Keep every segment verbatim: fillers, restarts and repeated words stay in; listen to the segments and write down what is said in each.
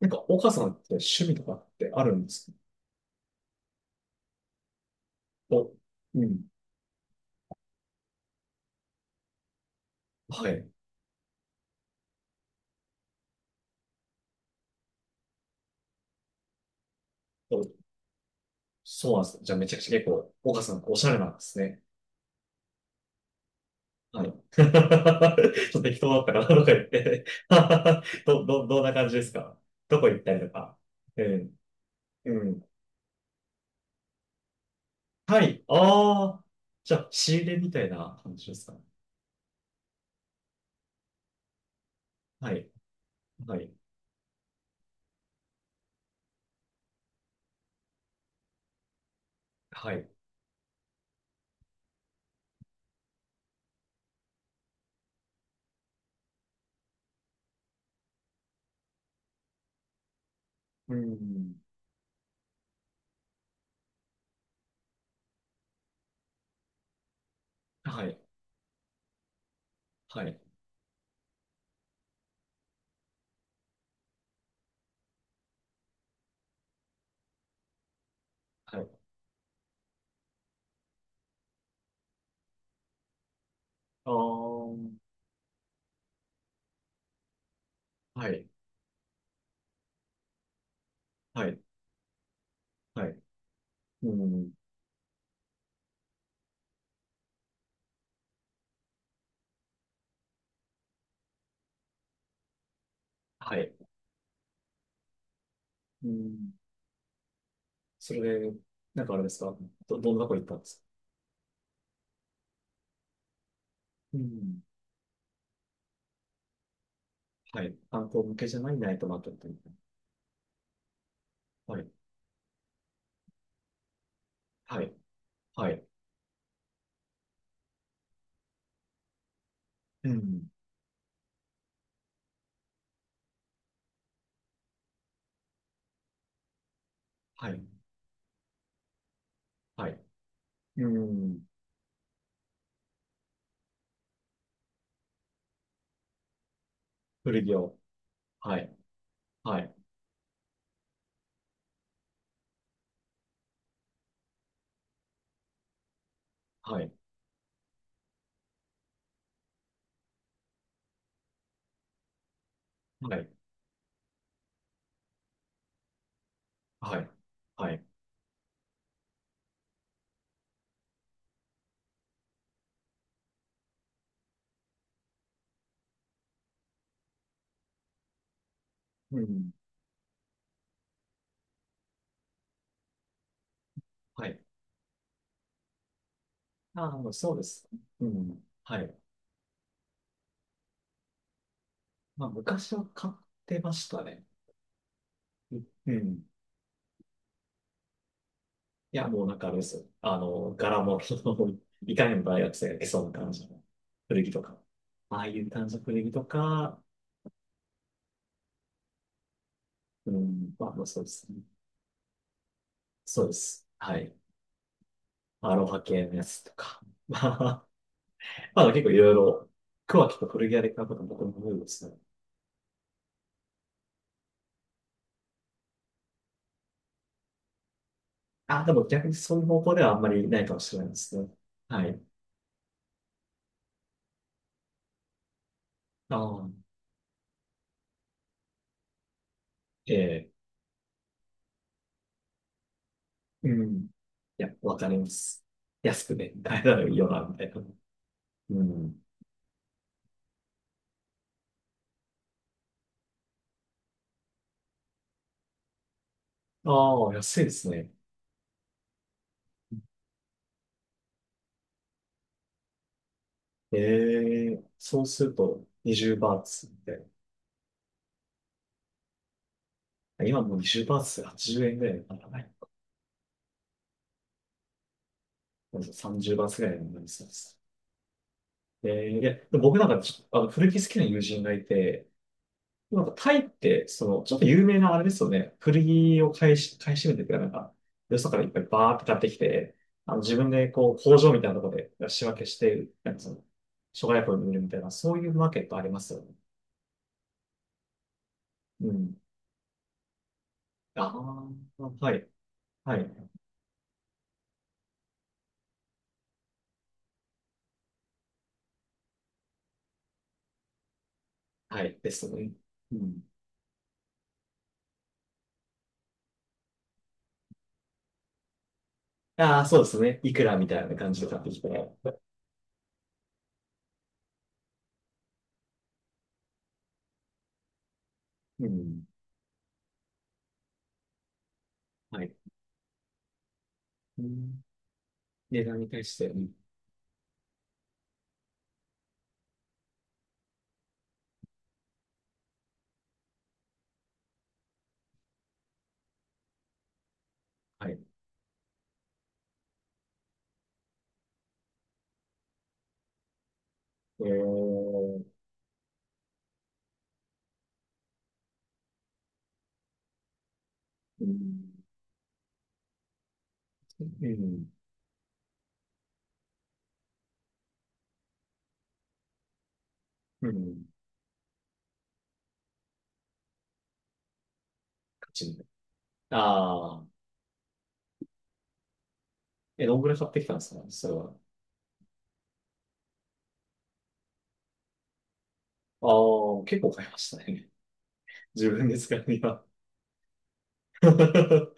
なんか、岡さんって趣味とかってあるんですか？お、うん。はい。お、そうなんです。じゃあめちゃくちゃ結構、岡さんおしゃれなんですね。はい。ちょっと適当だったかなとか言って ど、ど、どんな感じですか？どこ行ったりとか。うん。うん。はい。ああ。じゃあ、仕入れみたいな感じですか？はい。はい。はい。うん。はい。はい。はい。ああ。はい。はい。はい。うん。はい。うん。それで、なんかあれですか？ど、どんなとこ行ったんですか？うん。はい。観光向けじゃないナイトマーケットみたいな。はい。はい。はい。うん。はい。はい。うん。古着を。はい。はい。はい。はい。はい。はい。うん。はい。ああ、そうです。うん。はい。まあ、昔は買ってましたね。うん。うん。いや、もうなんかあれですよ。あの、柄も、いかにも大学生が着そうな感じの古着とか。ああいう感じの古着とか、うん、まあ、まあそうですね。そうです。はい。アロハ系のやつとか。まあ、まあ結構いろいろ、桑木と古着屋で買うことも僕も多いですね。あ、でも逆にそういう方向ではあんまりないかもしれないですね。はい。ああ、ええ、うん。いや、わかります。安くね、買えたらいいよな、みたいな。うん。ああ、安いですね。ええ、そうするとにじゅうバーツみたいな。今もうにじゅうバーツはちじゅうえんぐらいだからね。さんじゅうバーツぐらいになりそうです。えー、いや、でも僕なんかちあの古着好きな友人がいて、なんかタイって、その、ちょっと有名なあれですよね。古着を買いし、買い占めてくれなんか、よそからいっぱいバーって買ってきて、あの自分でこう工場みたいなところで仕分けして、なんかその、諸外国に売るみたいな、そういうマーケットありますよね。うん。ああ、はい、はい、はい、ですね。うん。ああ、そうですね。いくらみたいな感じで買ってきて。うん。はい。うん。値段に対して、うん。はい。えー。うんうん。うん。勝ちに。ああ。え、どんぐらい買ってきたんですかそれは？ああ、結構買いましたね。自分で使うには。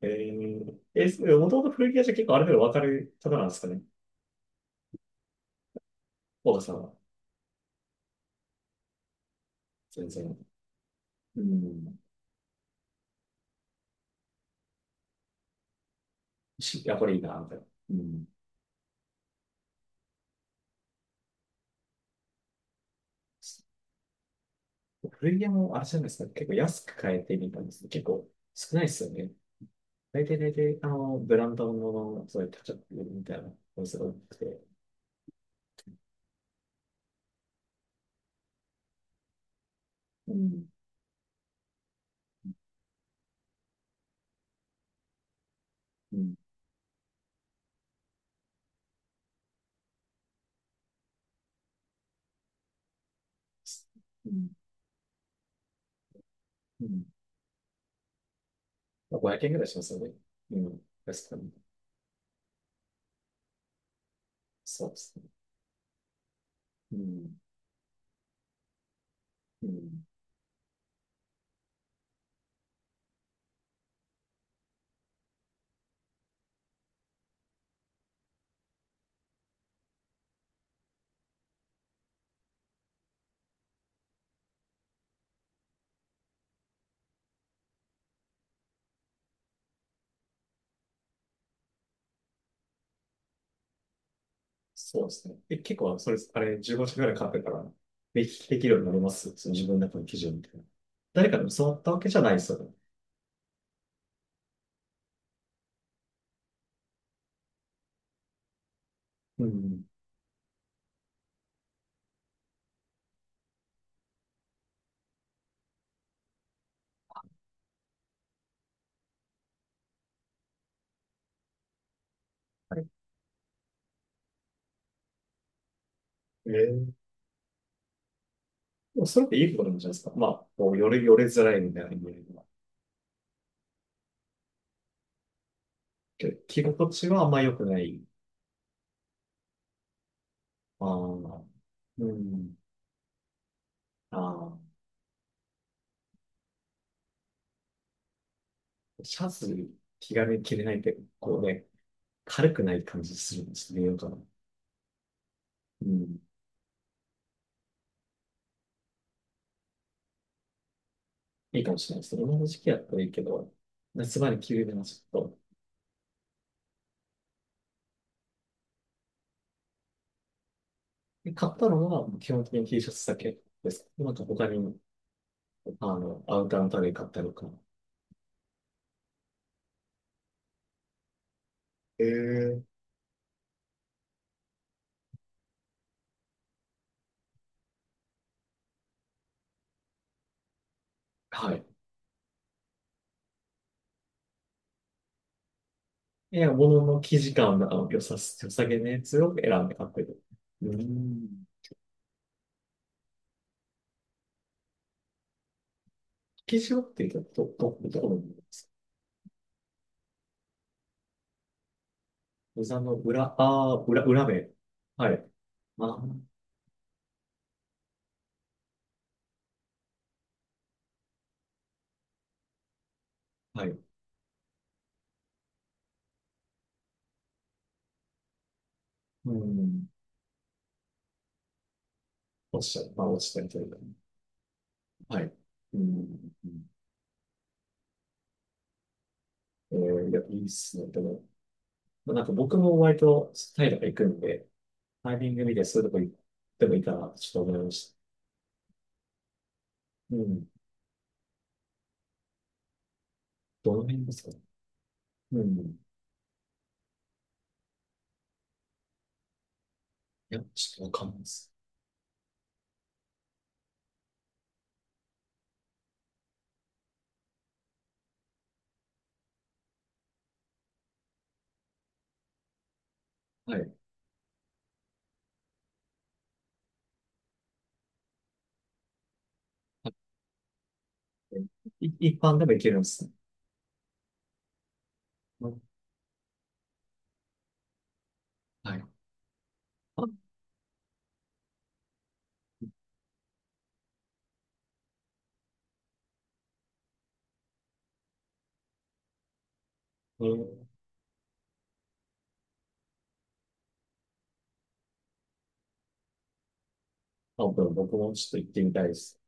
えー、え、それもともと古着屋じゃ結構ある程度わかる方なんですかね？大田さんは。全然。うん。しやっぱりいいな、みたいな。うん。古着屋もあれじゃないですか。結構安く買えてみたんですけど、結構少ないですよね。大体大体、あの、ブランドの、そういう、タッちみたいな、お店が多くて。うんうんうんうん。まあ、ごひゃくえんぐらいしますよね。うん。確かに。そうですね。うん。うん。そうですね。え、結構、それ、あれ、じゅうご社ぐらい買ってから、でき、できるようになりますその自分の中の基準みたいな。誰かに教わったわけじゃないですよね。うん。はい。えー。でもそれっていいことなんじゃないですか。まあ、こう、よれ、よれづらいみたいな意味では。けど着心地はあんま良くない。ああ、うん。ああ、シャツ、気軽に着れないって、こうね、軽くない感じするんですよ、かな。うん。いいかもしれないですね今の時期やったらいいけど、夏場に着るようなちょっと。で買ったのは、基本的に T シャツだけです。なんか他に、あの、アウターの類買ったりとか。ええ。はい。いや物の生地感の良さ、良さげなやつを選んで買ってる。うん。生地をっていうと、ど、ど、どこの部分ですか？膝の裏、ああ、裏、裏面。はい。あー。はい。うん。落ちちゃう。まあ、落ちたりというか。はい。うん。えー、いや、いいっすね。でも、まあ、なんか僕も割とタイとか行くんで、タイミング見てそういうとこ行ってもいいかなってちょっと思いました。うん。どの辺ですかね？うん。いや、ちょっとわかんないです。はい。い、一般でも行けるんですね。はい。あ、うん、あ、僕もちょっと行ってみたいです。